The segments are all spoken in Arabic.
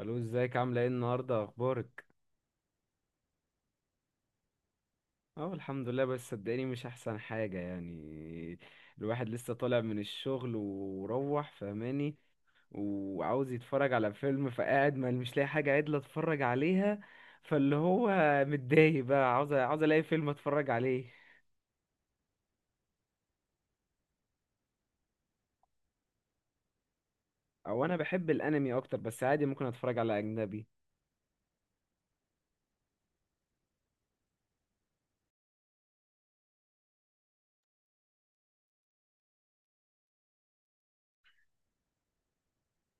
الو، ازيك؟ عامله ايه النهارده؟ اخبارك؟ اه، الحمد لله. بس صدقني مش احسن حاجه يعني. الواحد لسه طالع من الشغل وروح، فهماني؟ وعاوز يتفرج على فيلم، فقاعد ما مش لاقي حاجه عدله اتفرج عليها. فاللي هو، متضايق بقى، عاوز الاقي فيلم اتفرج عليه. او انا بحب الانمي اكتر، بس عادي ممكن اتفرج على اجنبي.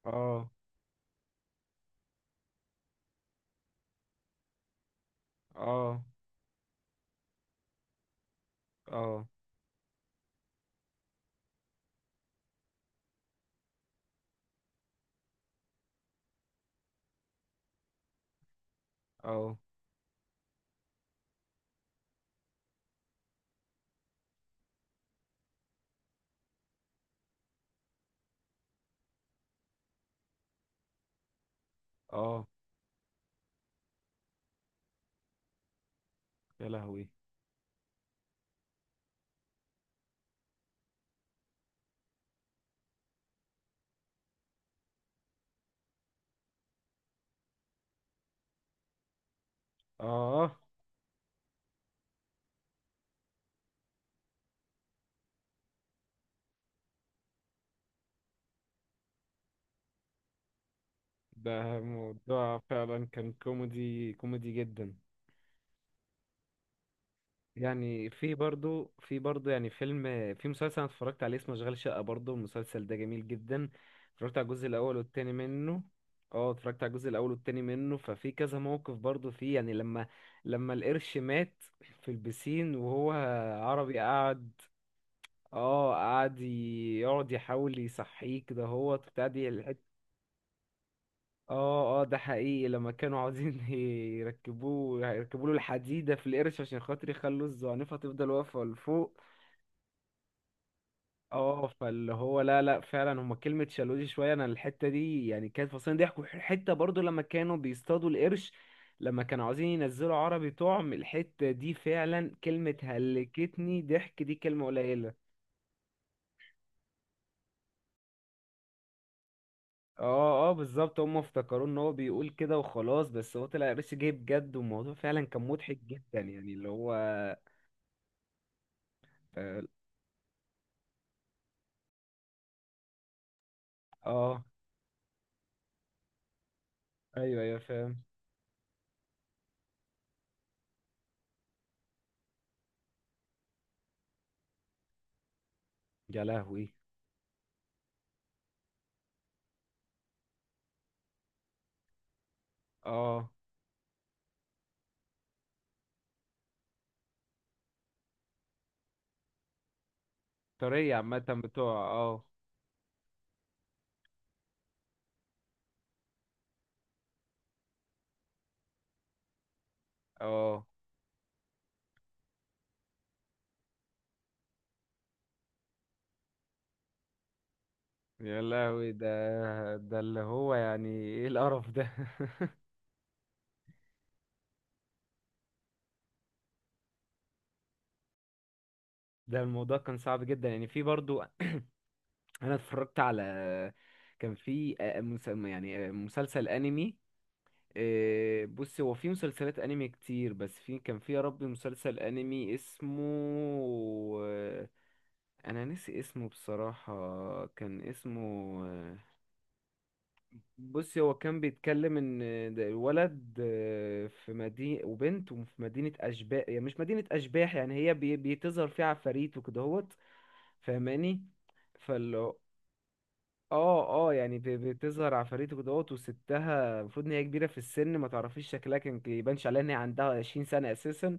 اه. اه. اه. اه. اه. يا لهوي. اه. ده موضوع فعلا كان كوميدي كوميدي جدا. يعني في برضو يعني فيلم. في مسلسل انا اتفرجت عليه اسمه اشغال شقة، برضو المسلسل ده جميل جدا. اتفرجت على الجزء الاول والتاني منه. اه، اتفرجت على الجزء الاول والتاني منه. ففي كذا موقف برضو فيه يعني لما القرش مات في البسين، وهو عربي قعد. اه، قعد يقعد يحاول يصحيه كده، هو بتاع دي. اه. اه، ده حقيقي. لما كانوا عاوزين يركبوا له الحديدة في القرش عشان خاطر يخلوا الزعنفة تفضل واقفة لفوق. اه، فاللي هو، لا لا، فعلا هما كلمة شالوه دي شوية. انا الحتة دي يعني كانت فصلين ضحك. حتة برضو لما كانوا بيصطادوا القرش، لما كانوا عاوزين ينزلوا عربي طعم، الحتة دي فعلا كلمة هلكتني ضحك، دي كلمة قليلة. اه. اه، بالظبط. هما افتكروا ان هو بيقول كده وخلاص، بس هو طلع قرش جاي بجد، والموضوع فعلا كان مضحك جدا يعني اللي هو. آه، اه. ايوه، ايوه، فاهم. يا لهوي. اه. طرية عامة. بتوع. اه. اه، يا لهوي، ده اللي هو يعني ايه القرف ده؟ ده الموضوع كان صعب جدا يعني. في برضو انا اتفرجت على. كان في مسلسل انمي. بص، هو في مسلسلات انمي كتير، بس في كان في يا ربي مسلسل انمي اسمه. انا ناسي اسمه بصراحة. كان اسمه آه، بصي، هو كان بيتكلم ان ده الولد في مدينة وبنت، وفي مدينة اشباح، يعني مش مدينة اشباح يعني، هي بيتظهر فيها عفاريت وكدهوت. فاهماني؟ فال اه. اه، يعني بتظهر عفاريت وكدهوت. وستها المفروض ان هي كبيرة في السن، ما تعرفيش شكلها، كان يبانش عليها ان هي عندها 20 سنة اساسا.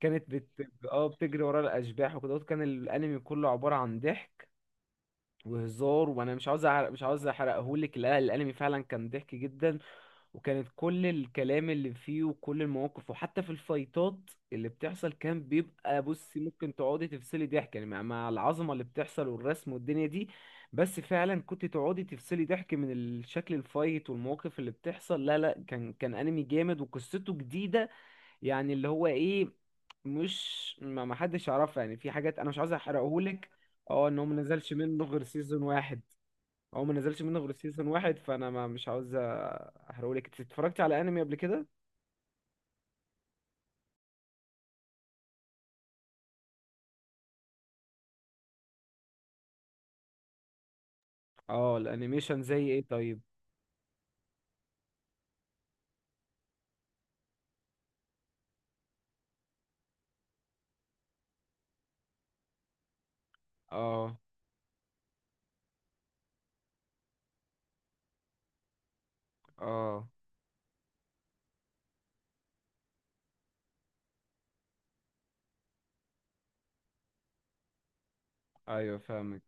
كانت بت اه، بتجري ورا الاشباح وكدهوت. كان الانمي كله عبارة عن ضحك وهزار. وانا مش عاوز احرقهولك، لا الانمي فعلا كان ضحك جدا. وكانت كل الكلام اللي فيه وكل المواقف، وحتى في الفايتات اللي بتحصل كان بيبقى، بصي، ممكن تقعدي تفصلي ضحك يعني، مع العظمة اللي بتحصل والرسم والدنيا دي. بس فعلا كنت تقعدي تفصلي ضحك من الشكل الفايت والمواقف اللي بتحصل. لا لا، كان انمي جامد وقصته جديدة. يعني اللي هو ايه، مش ما حدش يعرفها يعني، في حاجات انا مش عايز احرقهولك. اه، ان هو ما نزلش منه غير سيزون واحد. هو ما نزلش منه غير سيزون واحد، فانا ما مش عاوز احرقلك. انت اتفرجتي على انمي قبل كده؟ اه، الانيميشن زي ايه طيب؟ اه. اه، ايوه، فاهمك.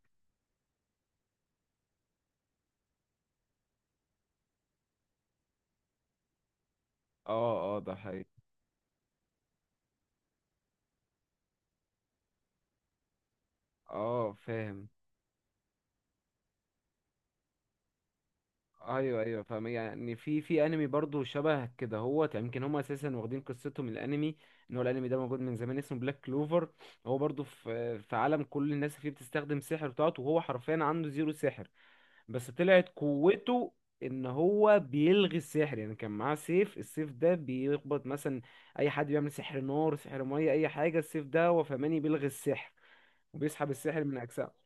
اه. اه، ده حقيقي. اه، فاهم. ايوه، ايوه، فاهم. يعني في انمي برضو شبه كده، هو يمكن هم اساسا واخدين قصتهم من الانمي. ان هو الانمي ده موجود من زمان، اسمه بلاك كلوفر. هو برضو في عالم كل الناس فيه بتستخدم سحر بتاعته، وهو حرفيا عنده زيرو سحر. بس طلعت قوته ان هو بيلغي السحر. يعني كان معاه سيف، السيف ده بيخبط مثلا اي حد بيعمل سحر نار، سحر ميه، اي حاجه، السيف ده هو فماني بيلغي السحر وبيسحب السحر من اجسامه.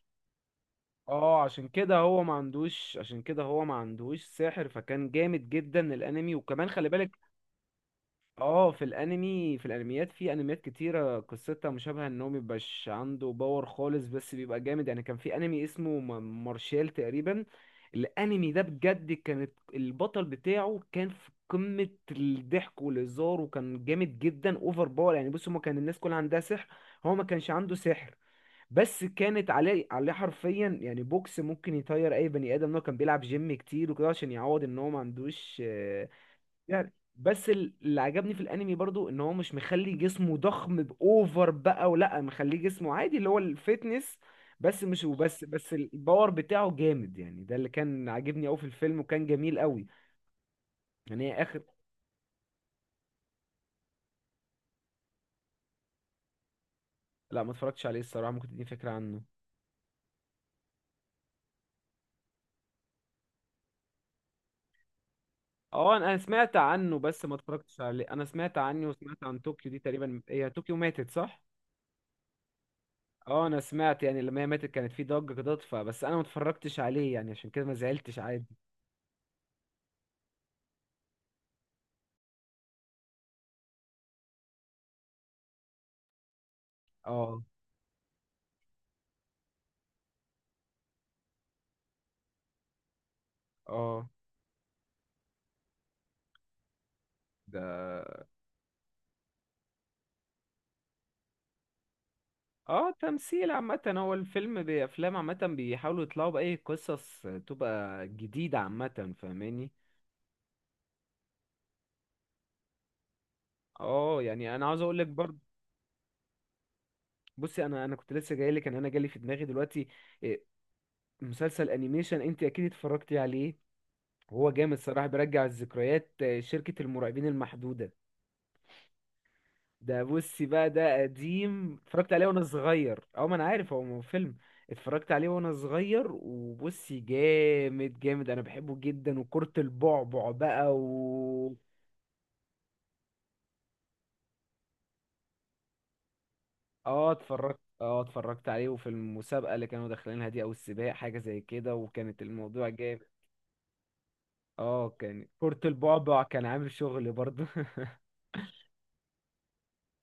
اه، عشان كده هو ما عندوش سحر. فكان جامد جدا الانمي، وكمان خلي بالك. اه، في الانمي في الانميات في انميات كتيره قصتها مشابهه، ان هو مبيبقاش عنده باور خالص بس بيبقى جامد. يعني كان في انمي اسمه مارشال تقريبا. الانمي ده بجد كانت البطل بتاعه كان في قمه الضحك والهزار، وكان جامد جدا اوفر باور. يعني بص، هما كان الناس كلها عندها سحر، هو ما كانش عنده سحر. بس كانت عليه حرفيا يعني، بوكس ممكن يطير اي بني ادم، إن هو كان بيلعب جيم كتير وكده عشان يعوض ان هو ما عندوش. يعني بس اللي عجبني في الانمي برضو ان هو مش مخلي جسمه ضخم باوفر بقى، ولا مخليه جسمه عادي اللي هو الفتنس. بس مش وبس بس الباور بتاعه جامد يعني، ده اللي كان عاجبني قوي في الفيلم، وكان جميل قوي. يعني هي اخر. لا ما اتفرجتش عليه الصراحة، ممكن تديني فكرة عنه؟ اه، انا سمعت عنه بس ما اتفرجتش عليه. انا سمعت عنه وسمعت عن طوكيو دي، تقريبا هي طوكيو ماتت، صح؟ اه، انا سمعت يعني لما هي ماتت كانت في ضجة كده، فبس انا ما اتفرجتش عليه يعني عشان كده ما زعلتش عادي. اه. اه، ده. اه، تمثيل عامة، هو الفيلم بأفلام عامة بيحاولوا يطلعوا بأي قصص تبقى جديدة عامة، فاهماني؟ اه، يعني أنا عاوز أقولك برضه. بصي، أنا كنت لسه جايلك إن أنا جالي في دماغي دلوقتي. إيه، مسلسل أنيميشن أنت أكيد اتفرجتي عليه. هو جامد صراحة، بيرجع الذكريات. شركة المرعبين المحدودة. ده بصي بقى، ده قديم اتفرجت عليه وانا صغير، او ما انا عارف، هو مو فيلم. اتفرجت عليه وانا صغير. وبصي، جامد جامد، انا بحبه جدا، وكرة البعبع بقى و. اه. اتفرجت عليه، وفي المسابقة اللي كانوا داخلينها دي، او السباق حاجة زي كده، وكانت الموضوع جامد. اه، كان كرة البعبع كان عامل شغل برضه.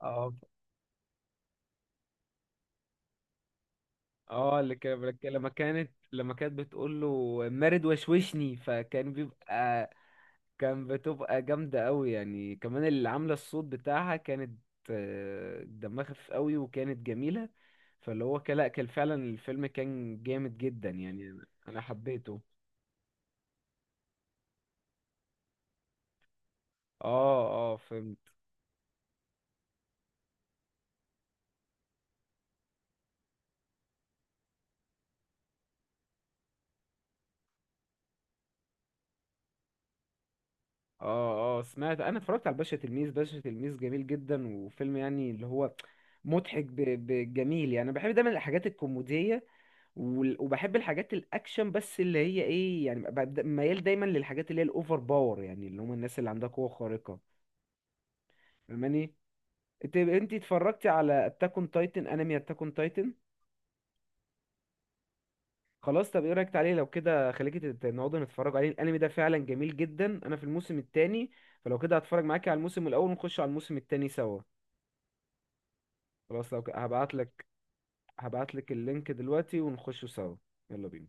اه. اه، اللي كان لما كانت بتقول له مارد وشوشني، فكان بيبقى كان بتبقى جامدة قوي يعني. كمان اللي عاملة الصوت بتاعها كانت دمها خفيف قوي وكانت جميلة. فاللي هو لا كان فعلا الفيلم كان جامد جدا يعني، انا حبيته. اه. اه، فهمت. اه. اه، سمعت. انا اتفرجت على باشا تلميذ. باشا تلميذ جميل جدا، وفيلم يعني اللي هو مضحك بجميل يعني، انا بحب دايما الحاجات الكوميدية. وبحب الحاجات الاكشن، بس اللي هي ايه يعني، ببقى ميال دايما للحاجات اللي هي الاوفر باور، يعني اللي هم الناس اللي عندها قوة خارقة. فاهماني؟ انت اتفرجتي على اتاك اون تايتن؟ انمي اتاك اون تايتن. خلاص، طب ايه رايك؟ تعالي لو كده خليكي نقعدوا نتفرجوا عليه، الانمي ده فعلا جميل جدا، انا في الموسم التاني. فلو كده هتفرج معاكي على الموسم الاول، ونخش على الموسم التاني سوا. خلاص، لو هبعت لك، هبعت لك اللينك دلوقتي ونخشه سوا. يلا بينا.